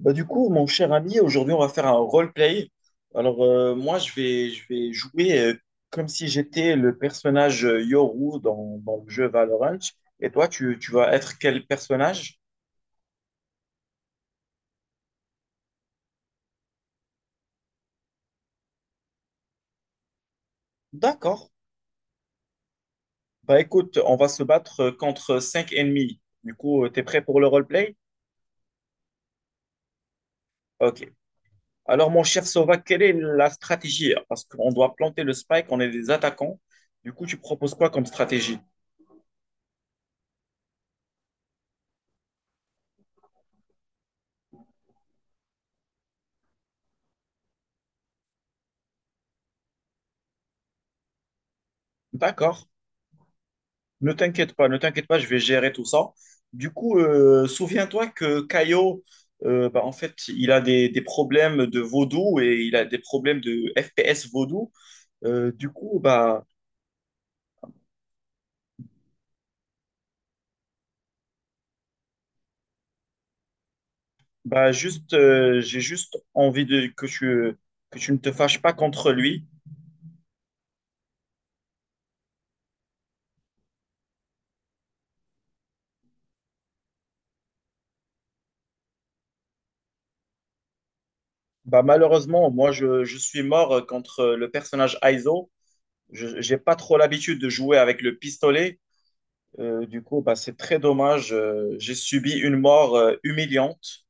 Bah, du coup, mon cher ami, aujourd'hui, on va faire un roleplay. Alors, moi, je vais jouer comme si j'étais le personnage Yoru dans le jeu Valorant. Et toi, tu vas être quel personnage? D'accord. Bah, écoute, on va se battre contre cinq ennemis. Du coup, t'es prêt pour le roleplay? Ok. Alors, mon cher Sova, quelle est la stratégie? Parce qu'on doit planter le spike, on est des attaquants. Du coup, tu proposes quoi comme stratégie? D'accord. Ne t'inquiète pas, ne t'inquiète pas, je vais gérer tout ça. Du coup, souviens-toi que Caio, en fait, il a des problèmes de vaudou et il a des problèmes de FPS vaudou. Euh, du coup, bah, juste, j'ai juste envie de, que que tu ne te fâches pas contre lui. Bah, malheureusement, moi, je suis mort contre le personnage Aizo. Je n'ai pas trop l'habitude de jouer avec le pistolet. C'est très dommage. J'ai subi une mort humiliante.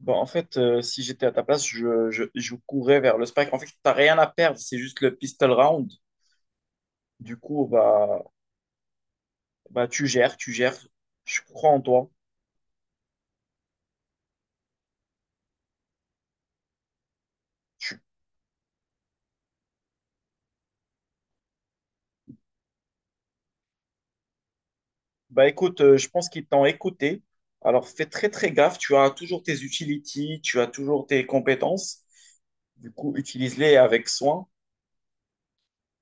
Bon, en fait, si j'étais à ta place, je courais vers le spike. En fait, t'as rien à perdre, c'est juste le pistol round. Du coup, bah, tu gères. Je crois en toi. Tu- Bah, écoute, je pense qu'ils t'ont écouté. Alors, fais très, très gaffe. Tu as toujours tes utilities, tu as toujours tes compétences. Du coup, utilise-les avec soin.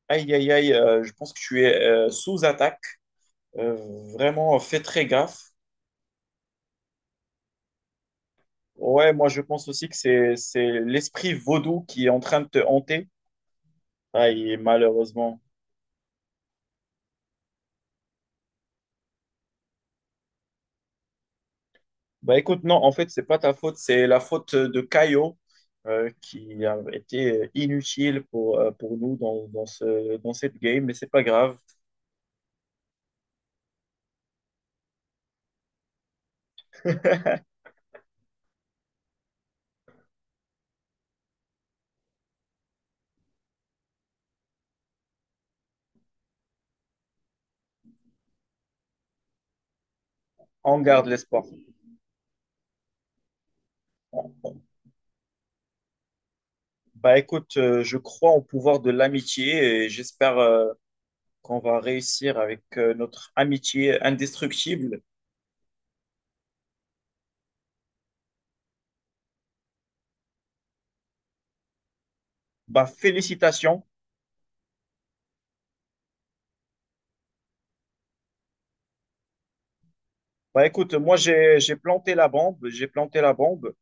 Aïe, aïe, aïe, je pense que tu es sous attaque. Euh, vraiment, fais très gaffe. Ouais, moi, je pense aussi que c'est l'esprit vaudou qui est en train de te hanter. Aïe, malheureusement. Bah écoute, non, en fait, c'est pas ta faute, c'est la faute de Caio qui a été inutile pour nous dans cette game, mais c'est pas grave. On garde l'espoir. Bah écoute, je crois au pouvoir de l'amitié et j'espère qu'on va réussir avec notre amitié indestructible. Bah félicitations. Bah écoute, moi j'ai planté la bombe, j'ai planté la bombe.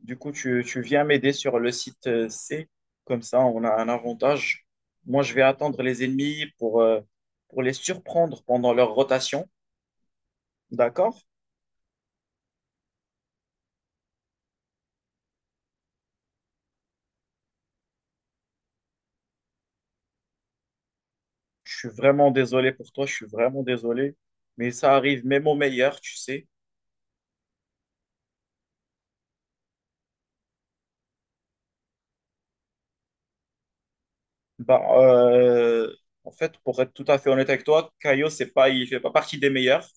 Du coup, tu viens m'aider sur le site C, comme ça on a un avantage. Moi, je vais attendre les ennemis pour les surprendre pendant leur rotation. D'accord? Je suis vraiment désolé pour toi, je suis vraiment désolé. Mais ça arrive même au meilleur, tu sais. Bah, euh, en fait, pour être tout à fait honnête avec toi, Caio, c'est pas, il fait pas partie des meilleurs.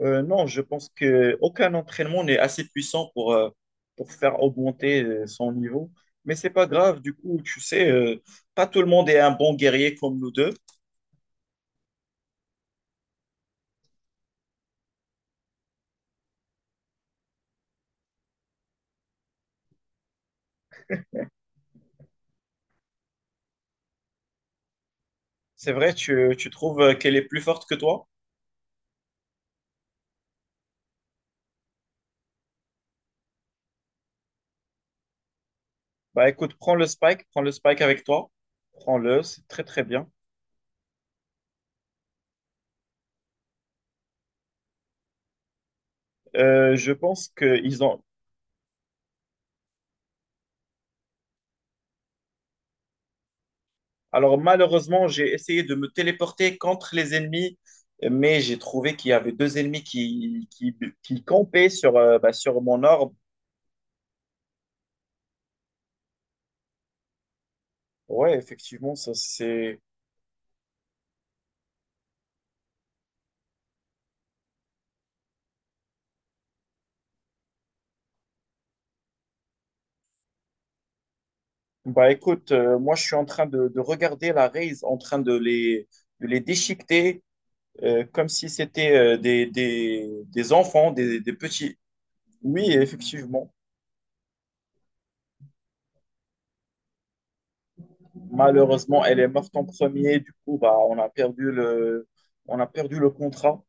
Non, je pense que aucun entraînement n'est assez puissant pour faire augmenter son niveau. Mais c'est pas grave, du coup, tu sais, pas tout le monde est un bon guerrier comme nous deux. C'est vrai, tu trouves qu'elle est plus forte que toi? Bah écoute, prends le Spike avec toi. Prends-le, c'est très très bien. Je pense qu'ils ont… Alors malheureusement, j'ai essayé de me téléporter contre les ennemis, mais j'ai trouvé qu'il y avait deux ennemis qui campaient sur, sur mon orbe. Ouais, effectivement, ça c'est… Bah écoute, moi je suis en train de regarder la raise, en train de les déchiqueter comme si c'était des enfants, des petits. Oui, effectivement. Malheureusement, elle est morte en premier. Du coup, on a perdu le contrat.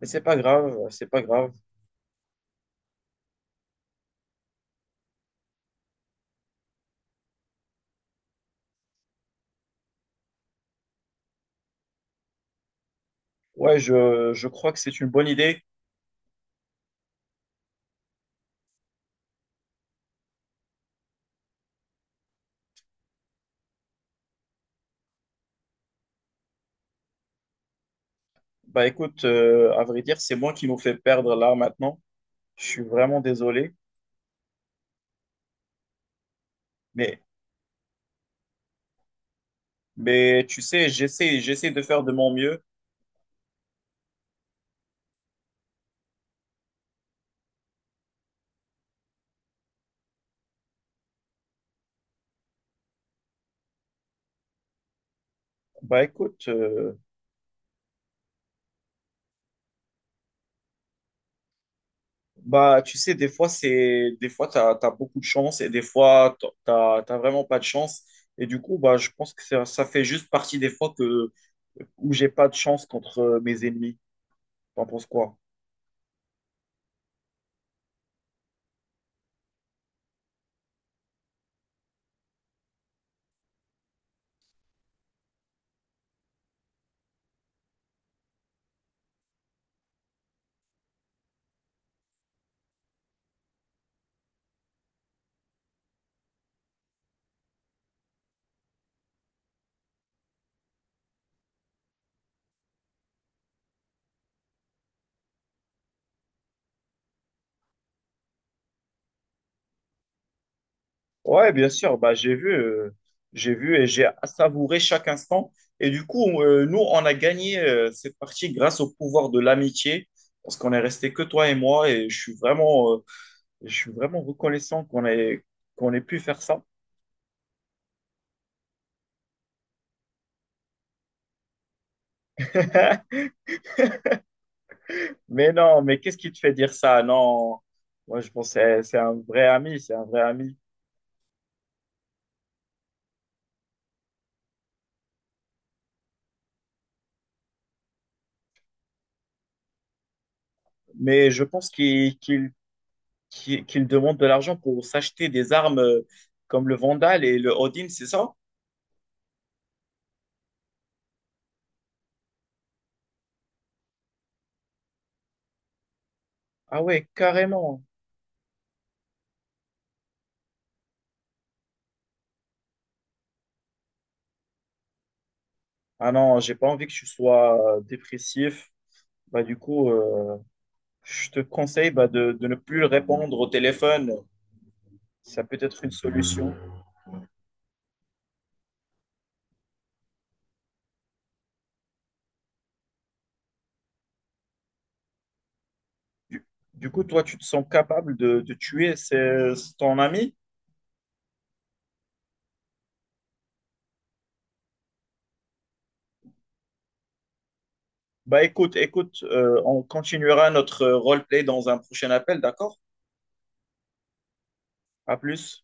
Mais c'est pas grave, c'est pas grave. Ouais, je crois que c'est une bonne idée. Bah écoute, à vrai dire, c'est moi qui nous fais perdre là maintenant. Je suis vraiment désolé. Mais, mais tu sais, j'essaie de faire de mon mieux. Bah écoute, euh, Bah, tu sais, des fois, t'as beaucoup de chance et des fois, t'as vraiment pas de chance. Et du coup, bah, je pense que ça fait juste partie des fois que, où j'ai pas de chance contre mes ennemis. T'en penses quoi? Ouais, bien sûr. Bah, j'ai vu et j'ai savouré chaque instant. Et du coup, nous, on a gagné cette partie grâce au pouvoir de l'amitié, parce qu'on est resté que toi et moi. Et je suis vraiment reconnaissant qu'on ait pu faire ça. Mais non, mais qu'est-ce qui te fait dire ça? Non, moi je pense que c'est un vrai ami, c'est un vrai ami. Mais je pense qu'il demande de l'argent pour s'acheter des armes comme le Vandal et le Odin, c'est ça? Ah ouais, carrément. Ah non, j'ai pas envie que tu sois dépressif. Bah du coup, je te conseille bah, de ne plus répondre au téléphone. Ça peut être une solution. Du, du coup, toi, tu te sens capable de tuer ton ami? Bah écoute, écoute, on continuera notre roleplay dans un prochain appel, d'accord? À plus.